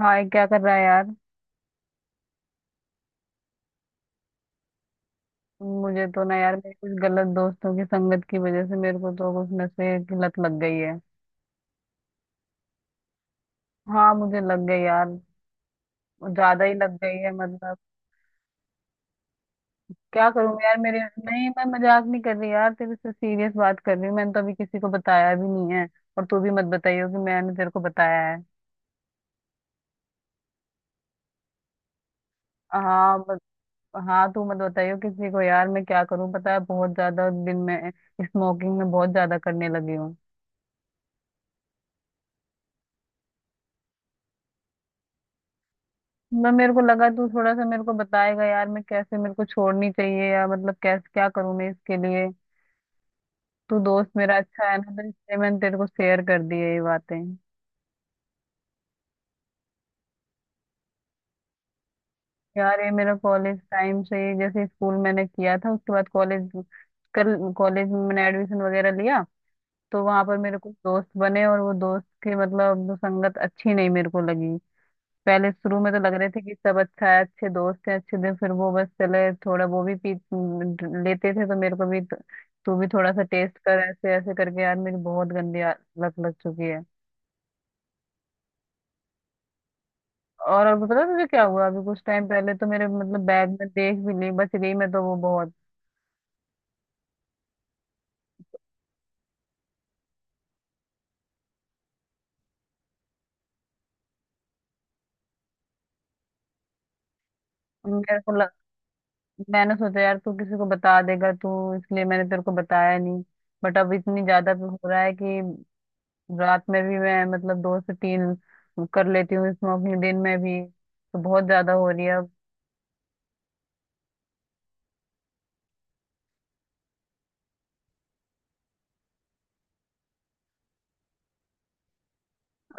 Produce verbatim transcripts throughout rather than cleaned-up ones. हाय, क्या कर रहा है यार। मुझे तो ना यार, मेरे कुछ गलत दोस्तों की संगत की वजह से मेरे को तो कुछ नशे की लत लग गई है। हाँ, मुझे लग गई यार। ज्यादा ही लग गई है मतलब। क्या करूँ यार मेरे। नहीं, मैं मजाक नहीं कर रही यार, तेरे से सीरियस बात कर रही हूँ। मैंने तो अभी किसी को बताया भी नहीं है। और तू भी मत बताइयो कि मैंने तेरे को बताया है। हाँ मत, हाँ तू मत बताइयो किसी को यार। मैं क्या करूँ, पता है बहुत ज्यादा दिन में स्मोकिंग में बहुत ज्यादा करने लगी हूँ। मैं, मेरे को लगा तू थोड़ा सा मेरे को बताएगा यार, मैं कैसे मेरे को छोड़नी चाहिए या मतलब कैसे क्या करूं मैं इसके लिए। तू दोस्त मेरा अच्छा है ना, तो इसलिए मैंने तेरे को शेयर कर दी है ये बातें। यार ये मेरा कॉलेज टाइम से ही, जैसे स्कूल मैंने किया था उसके बाद कॉलेज, कल कॉलेज में मैंने एडमिशन वगैरह लिया। तो वहां पर मेरे कुछ दोस्त बने और वो दोस्त की मतलब संगत अच्छी नहीं मेरे को लगी। पहले शुरू में तो लग रहे थे कि सब अच्छा है, अच्छे दोस्त हैं, अच्छे दिन फिर वो बस चले। थोड़ा वो भी पी लेते थे तो मेरे को भी तो, तू भी थोड़ा सा टेस्ट कर, ऐसे ऐसे करके यार मेरी बहुत गंदी आ- लत लग चुकी है। और अब पता है तुझे क्या हुआ, अभी कुछ टाइम पहले तो मेरे मतलब बैग में देख भी ली, बच गई मैं तो वो बहुत। मेरे को लग, मैंने सोचा यार तू किसी को बता देगा, तू इसलिए मैंने तेरे को बताया नहीं। बट अब इतनी ज्यादा हो रहा है कि रात में भी मैं मतलब दो से तीन कर लेती हूँ स्मोकिंग, दिन में भी तो बहुत ज्यादा हो रही है अब।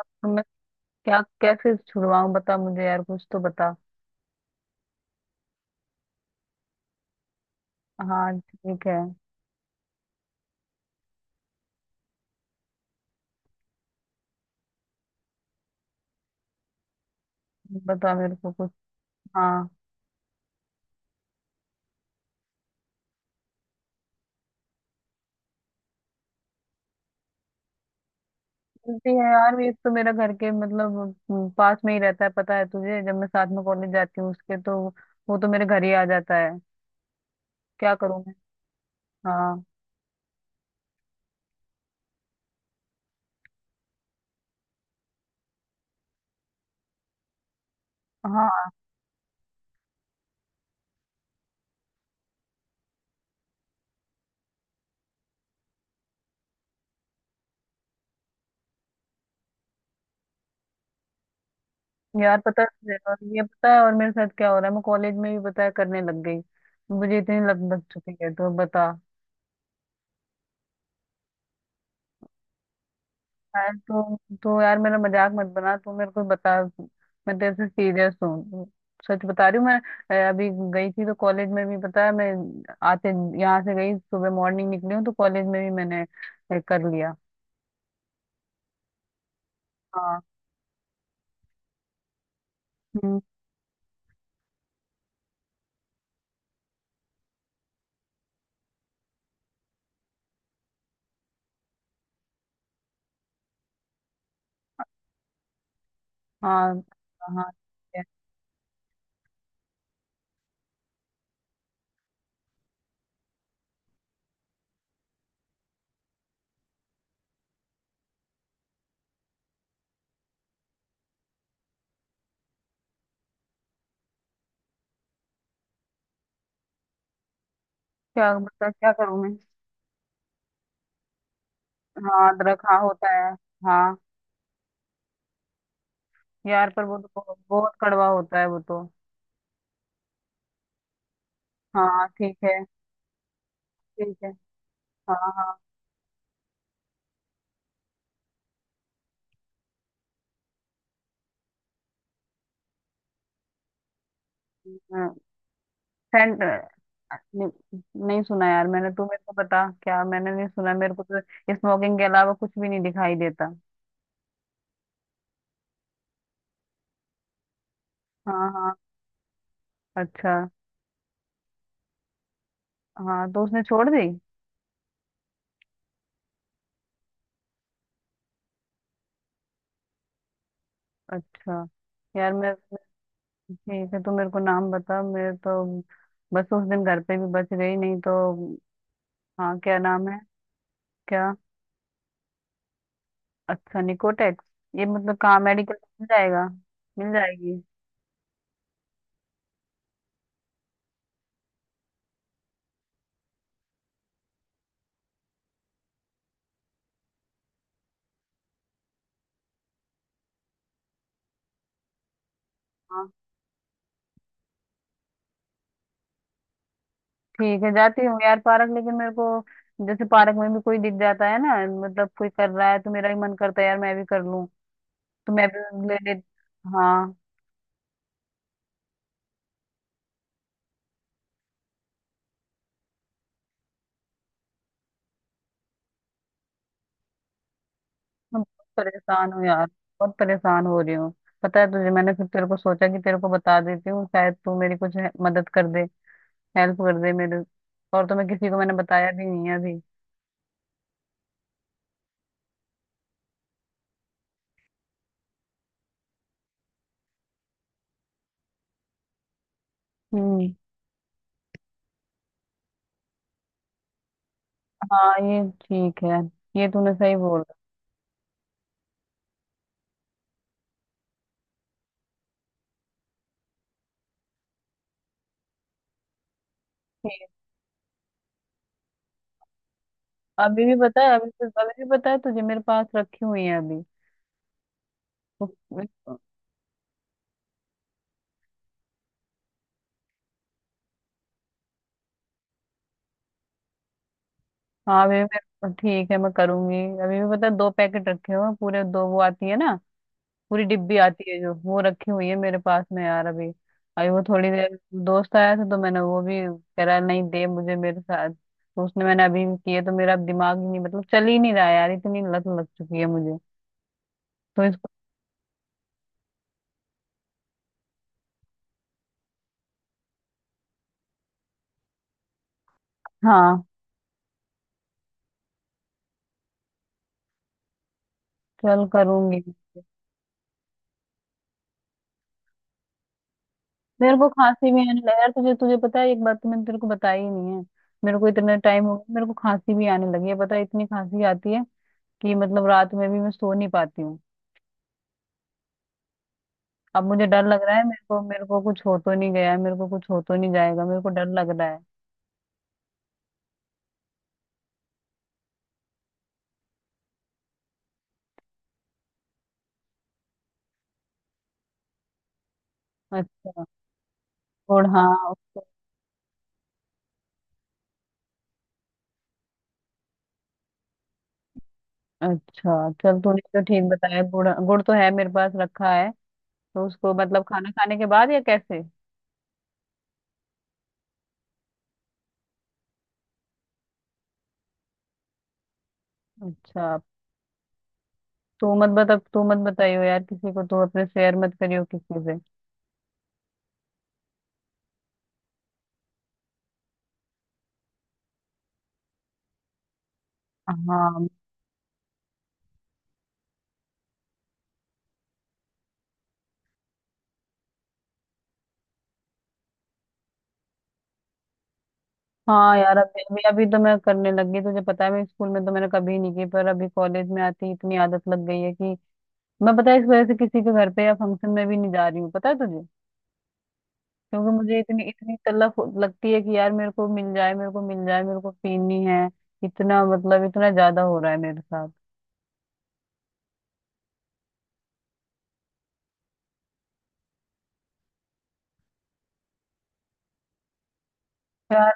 तो मैं क्या, कैसे छुड़वाऊँ, बता मुझे यार, कुछ तो बता। हाँ, ठीक है। बता मेरे को कुछ। हाँ। मिलती है यार, ये तो मेरा घर के मतलब हम्म, पास में ही रहता है, पता है तुझे। जब मैं साथ में कॉलेज जाती हूँ उसके, तो वो तो मेरे घर ही आ जाता है। क्या करूँ मैं। हाँ। हाँ, यार पता है, और ये पता है, और मेरे साथ क्या हो रहा है, मैं कॉलेज में भी पता है करने लग गई। मुझे इतनी लत लग चुकी है, तो बता। यार तो तो यार मेरा मजाक मत बना, तू मेरे को बता। मैं तेरे से सीरियस हूँ, सच बता रही हूँ मैं। अ, अभी गई थी तो कॉलेज में भी पता है मैं आते, यहाँ से गई सुबह मॉर्निंग निकली हूँ तो कॉलेज में भी मैंने अ, कर लिया। हाँ। हम्म। हाँ। हाँ, ठीक है। क्या बता, क्या करूँ मैं। हाँ, अदरक हाँ होता है। हाँ, यार पर वो तो बहुत, बहुत कड़वा होता है वो तो। हाँ ठीक है। ठीक है। हाँ। हाँ। सेंट। नहीं, नहीं सुना यार मैंने, तू मेरे को बता क्या, मैंने नहीं सुना मेरे को तो स्मोकिंग के अलावा कुछ भी नहीं दिखाई देता। हाँ हाँ। अच्छा। हाँ तो उसने छोड़ दी। अच्छा। यार मैं, ठीक है, तू मेरे को नाम बता मेरे तो। बस उस दिन घर पे भी बच गई नहीं तो। हाँ, क्या नाम है। क्या। अच्छा, निकोटेक्स। ये मतलब कहाँ, मेडिकल मिल जाएगा। मिल जाएगी। हाँ, ठीक है, जाती हूँ यार पार्क, लेकिन मेरे को जैसे पार्क में भी कोई दिख जाता है ना, मतलब कोई कर रहा है तो मेरा भी मन करता है यार मैं भी कर लूँ, तो मैं भी ले ले। हाँ। मैं बहुत परेशान हूँ यार, बहुत परेशान हो रही हूँ। पता है तुझे, मैंने फिर तेरे को सोचा कि तेरे को बता देती हूँ शायद तू मेरी कुछ हे- मदद कर दे, हेल्प कर दे मेरे। और तो मैं किसी को, मैंने बताया भी नहीं है अभी। हम्म। हाँ ये ठीक है, ये तूने सही बोला। ठीक। अभी भी पता है, अभी अभी भी पता है तुझे, मेरे पास रखी हुई है अभी। हाँ अभी भी। मेरे, ठीक है, मैं करूंगी। अभी भी पता है, दो पैकेट रखे हुए हैं पूरे दो, वो आती है ना पूरी डिब्बी आती है, जो वो रखी हुई है मेरे पास में यार अभी। अभी वो थोड़ी देर दोस्त आया था तो मैंने, वो भी कह रहा नहीं दे मुझे मेरे साथ, तो उसने, मैंने अभी भी किए तो मेरा अब दिमाग ही नहीं मतलब चल ही नहीं रहा यार, इतनी लत लग चुकी है मुझे। तो इसको। हाँ, चल करूंगी। मेरे को खांसी भी आने लगा यार, तुझे तुझे पता है, एक बात तो मैंने तेरे को बताई ही नहीं है। मेरे को इतना टाइम हो गया, मेरे को खांसी भी आने लगी है, पता है इतनी खांसी आती है कि मतलब रात में भी मैं सो नहीं पाती हूँ। अब मुझे डर लग रहा है, मेरे को, मेरे को कुछ हो तो नहीं गया है, मेरे को कुछ हो तो नहीं जाएगा, मेरे को डर लग रहा है। अच्छा। गुड़ हाँ। अच्छा चल, तूने तो ठीक बताया। गुड़, गुड़ तो है मेरे पास रखा है। तो उसको मतलब खाना खाने के बाद या कैसे। अच्छा। तू मत बता, तू मत बताइयो यार किसी को, तू अपने शेयर मत करियो किसी से। हाँ। हाँ यार, अभी अभी अभी तो मैं करने लग गई, तुझे पता है मैं स्कूल में तो मैंने कभी नहीं की, पर अभी कॉलेज में आती इतनी आदत लग गई है कि मैं, पता है इस वजह से किसी के घर पे या फंक्शन में भी नहीं जा रही हूँ, पता है तुझे, क्योंकि मुझे इतनी इतनी तलब हो- लगती है कि यार मेरे को मिल जाए, मेरे को मिल जाए, मेरे को पीनी है, इतना मतलब इतना ज्यादा हो रहा है मेरे साथ। यार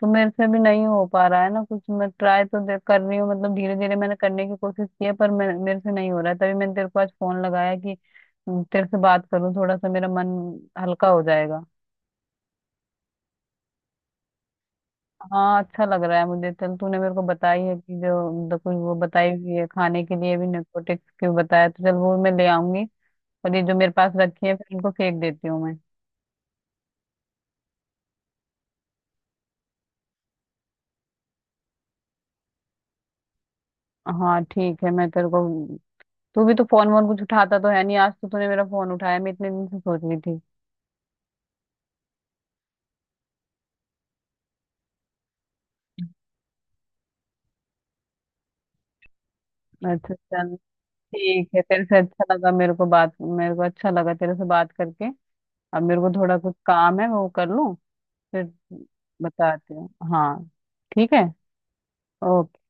तो मेरे से भी नहीं हो पा रहा है ना कुछ, मैं ट्राई तो दे- कर रही हूँ, मतलब धीरे धीरे मैंने करने की कोशिश की है पर मैं, मेरे से नहीं हो रहा है, तभी मैंने तेरे को आज फोन लगाया कि "हम्म, तेरे से बात करूँ, थोड़ा सा मेरा मन हल्का हो जाएगा। हाँ अच्छा लग रहा है मुझे। चल तूने मेरे को बताई है कि जो जो कुछ वो बताई हुई है खाने के लिए भी narcotics की बताया, तो चल वो मैं ले आऊंगी। और ये जो मेरे पास रखी है फिर इनको फेंक देती हूँ मैं। हाँ ठीक है, मैं तेरे को। तू भी तो फोन वोन कुछ उठाता तो है नहीं, आज तो तूने मेरा फोन उठाया, मैं इतने दिन से सोच रही थी। अच्छा चल, ठीक है, तेरे से अच्छा लगा, मेरे को बात मेरे को अच्छा लगा तेरे से बात करके। अब मेरे को थोड़ा कुछ काम है वो कर लूँ, फिर बताती हूँ हाँ। ठीक है। ओके।